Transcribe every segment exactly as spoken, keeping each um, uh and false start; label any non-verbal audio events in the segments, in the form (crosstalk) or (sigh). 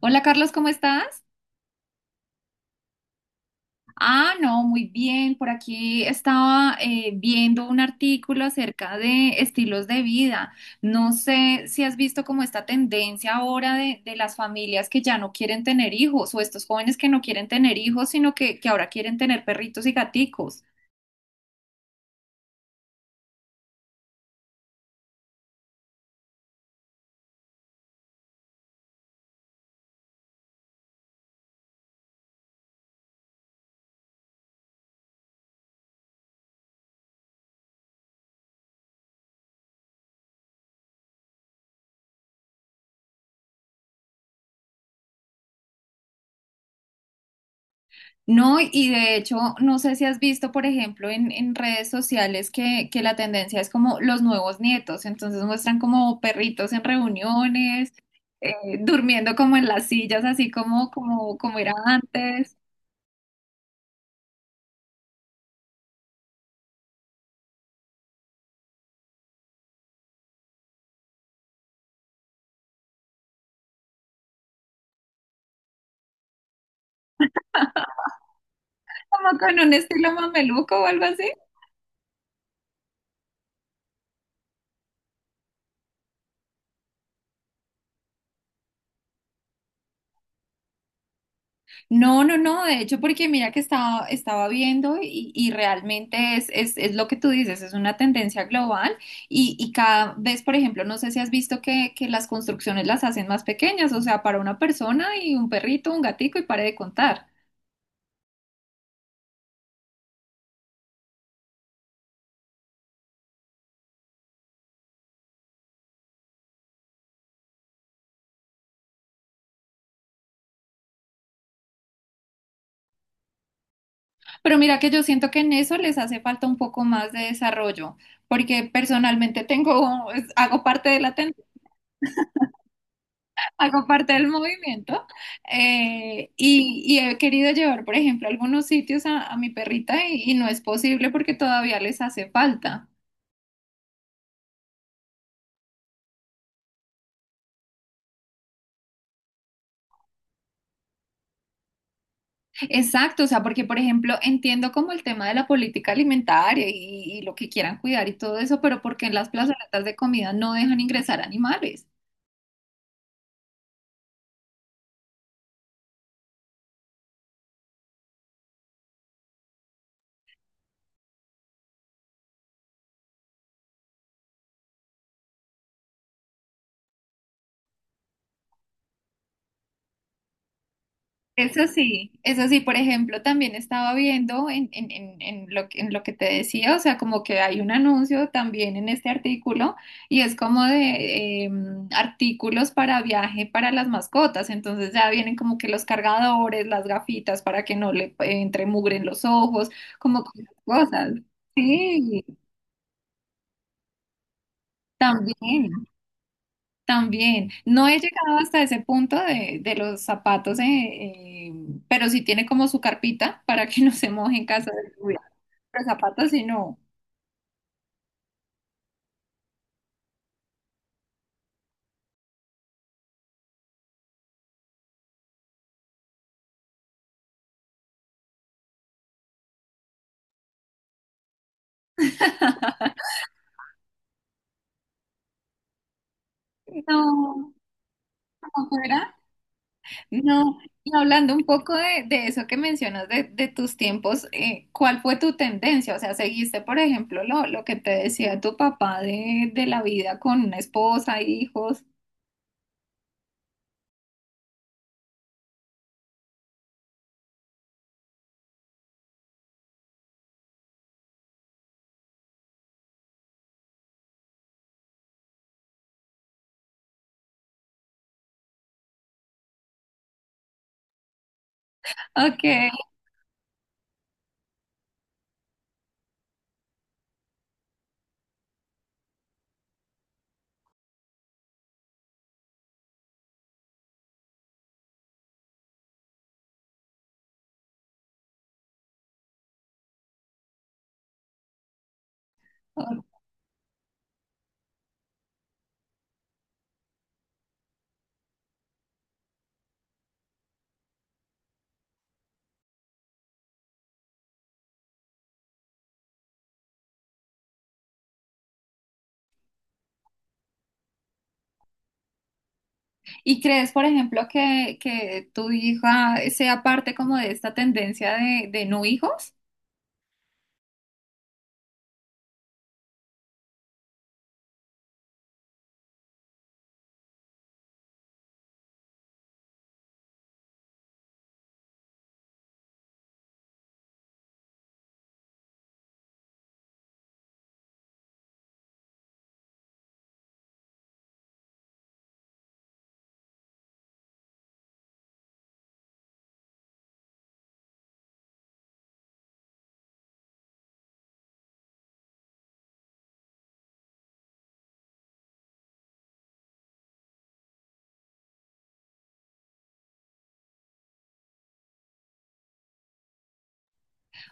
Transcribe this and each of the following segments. Hola Carlos, ¿cómo estás? Ah, no, muy bien. Por aquí estaba eh, viendo un artículo acerca de estilos de vida. No sé si has visto como esta tendencia ahora de, de las familias que ya no quieren tener hijos o estos jóvenes que no quieren tener hijos, sino que, que ahora quieren tener perritos y gaticos. No, y de hecho, no sé si has visto, por ejemplo, en, en redes sociales que, que la tendencia es como los nuevos nietos, entonces muestran como perritos en reuniones, eh, durmiendo como en las sillas, así como, como, como era antes, como con un estilo mameluco o algo así. No, no, no, de hecho, porque mira que estaba, estaba viendo y, y realmente es, es, es lo que tú dices, es una tendencia global y, y cada vez, por ejemplo, no sé si has visto que, que las construcciones las hacen más pequeñas, o sea, para una persona y un perrito, un gatico y pare de contar. Pero mira que yo siento que en eso les hace falta un poco más de desarrollo, porque personalmente tengo, (laughs) hago parte de la tendencia. Hago parte del movimiento, eh, y, y he querido llevar, por ejemplo, a algunos sitios a, a mi perrita y, y no es posible porque todavía les hace falta. Exacto, o sea, porque, por ejemplo, entiendo como el tema de la política alimentaria y, y lo que quieran cuidar y todo eso, pero porque en las plazoletas de comida no dejan ingresar animales. Eso sí, eso sí, por ejemplo, también estaba viendo en, en, en, en lo, que- en lo que te decía, o sea, como que hay un anuncio también en este artículo y es como de eh, artículos para viaje para las mascotas, entonces ya vienen como que los cargadores, las gafitas para que no le eh, entre mugre en los ojos, como cosas. Sí, también. También, no he llegado hasta ese punto de, de los zapatos, eh, eh, pero sí tiene como su carpita (laughs) para que no se moje en caso de lluvia. Los zapatos sí no. No, como fuera. No. Y hablando un poco de, de eso que mencionas de, de tus tiempos. Eh, ¿cuál fue tu tendencia? O sea, ¿seguiste, por ejemplo, lo, lo que te decía tu papá de, de la vida con una esposa, hijos? Ok, ok. ¿Y crees, por ejemplo, que, que tu hija sea parte como de esta tendencia de, de no hijos?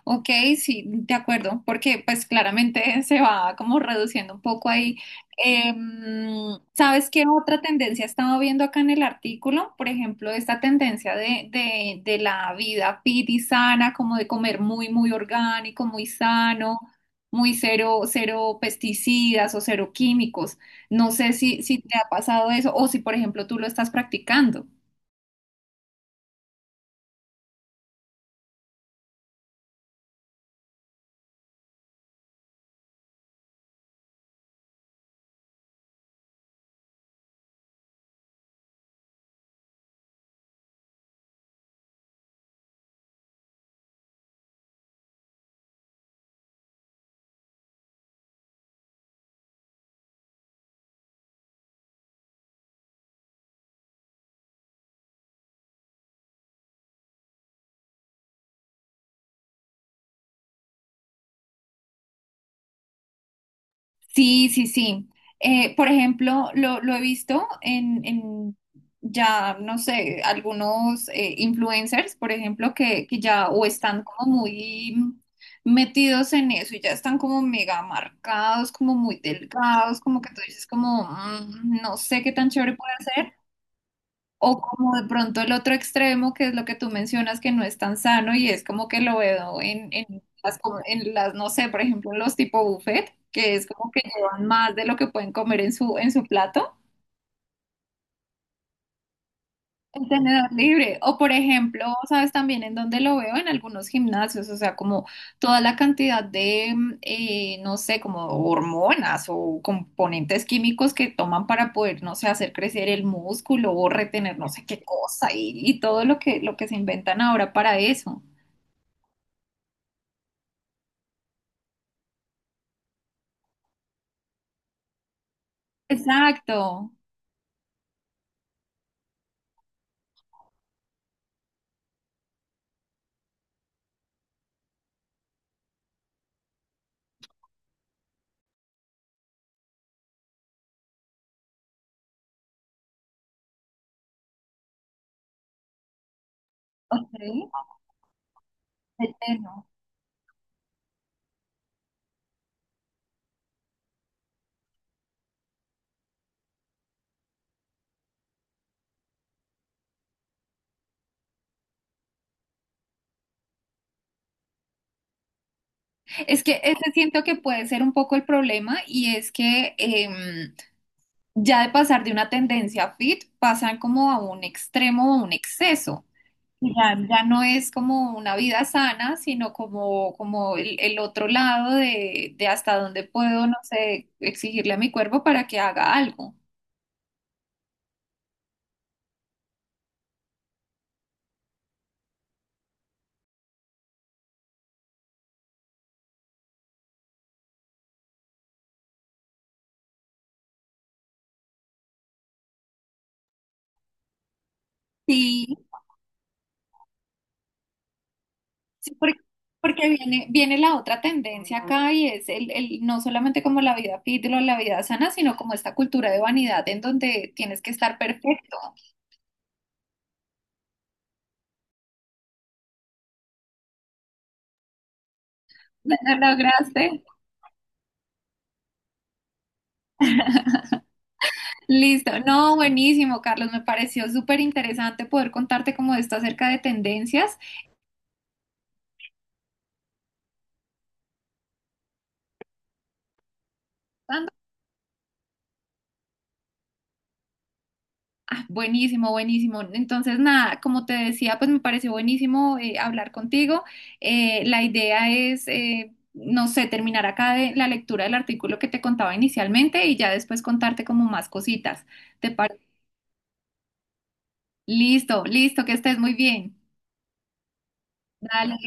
Ok, sí, de acuerdo, porque pues claramente (laughs) se va como reduciendo un poco ahí. Em, ¿sabes qué otra tendencia estaba viendo acá en el artículo? Por ejemplo, esta tendencia de, de, de la vida fit y sana, como de comer muy, muy orgánico, muy sano, muy cero, cero pesticidas o cero químicos. No sé si, si te ha pasado eso o si, por ejemplo, tú lo estás practicando. Sí, sí, sí. Eh, por ejemplo, lo, lo he visto en, en ya, no sé, algunos, eh, influencers, por ejemplo, que, que ya o están como muy metidos en eso y ya están como mega marcados, como muy delgados, como que tú dices como, "Mm, no sé qué tan chévere puede ser". O como de pronto el otro extremo, que es lo que tú mencionas, que no es tan sano y es como que lo veo en, en las, com- en las, no sé, por ejemplo, los tipo buffet, que es como que llevan más de lo que pueden comer en su, en su plato. El tenedor libre. O por ejemplo, ¿sabes también en dónde lo veo? En algunos gimnasios, o sea, como toda la cantidad de, mm, eh, no sé, como hormonas o componentes químicos que toman para poder, no sé, hacer crecer el músculo o retener no sé qué cosa y, y todo lo que, lo que se inventan ahora para eso. Exacto. Ok, de. Es que ese siento que puede ser un poco el problema y es que em, ya de pasar de una tendencia fit, pasan como a un extremo o un exceso. Ya, ya no es como una vida sana, sino como, como el, el otro lado de, de hasta dónde puedo, no sé, exigirle a mi cuerpo para que haga algo. Sí, sí, porque, porque viene, viene la otra tendencia acá y es el, el, no solamente como la vida fit o la vida sana, sino como esta cultura de vanidad en donde tienes que estar perfecto. (laughs) ¿Lo lograste? Listo. No, buenísimo, Carlos. Me pareció súper interesante poder contarte como esto acerca de tendencias. Ando. Ah, buenísimo, buenísimo. Entonces, nada, como te decía, pues me pareció buenísimo, eh, hablar contigo. Eh, la idea es, eh, no sé, terminar acá de la lectura del artículo que te contaba inicialmente y ya después contarte como más cositas. ¿Te pare-? Listo, listo, que estés muy bien. Dale.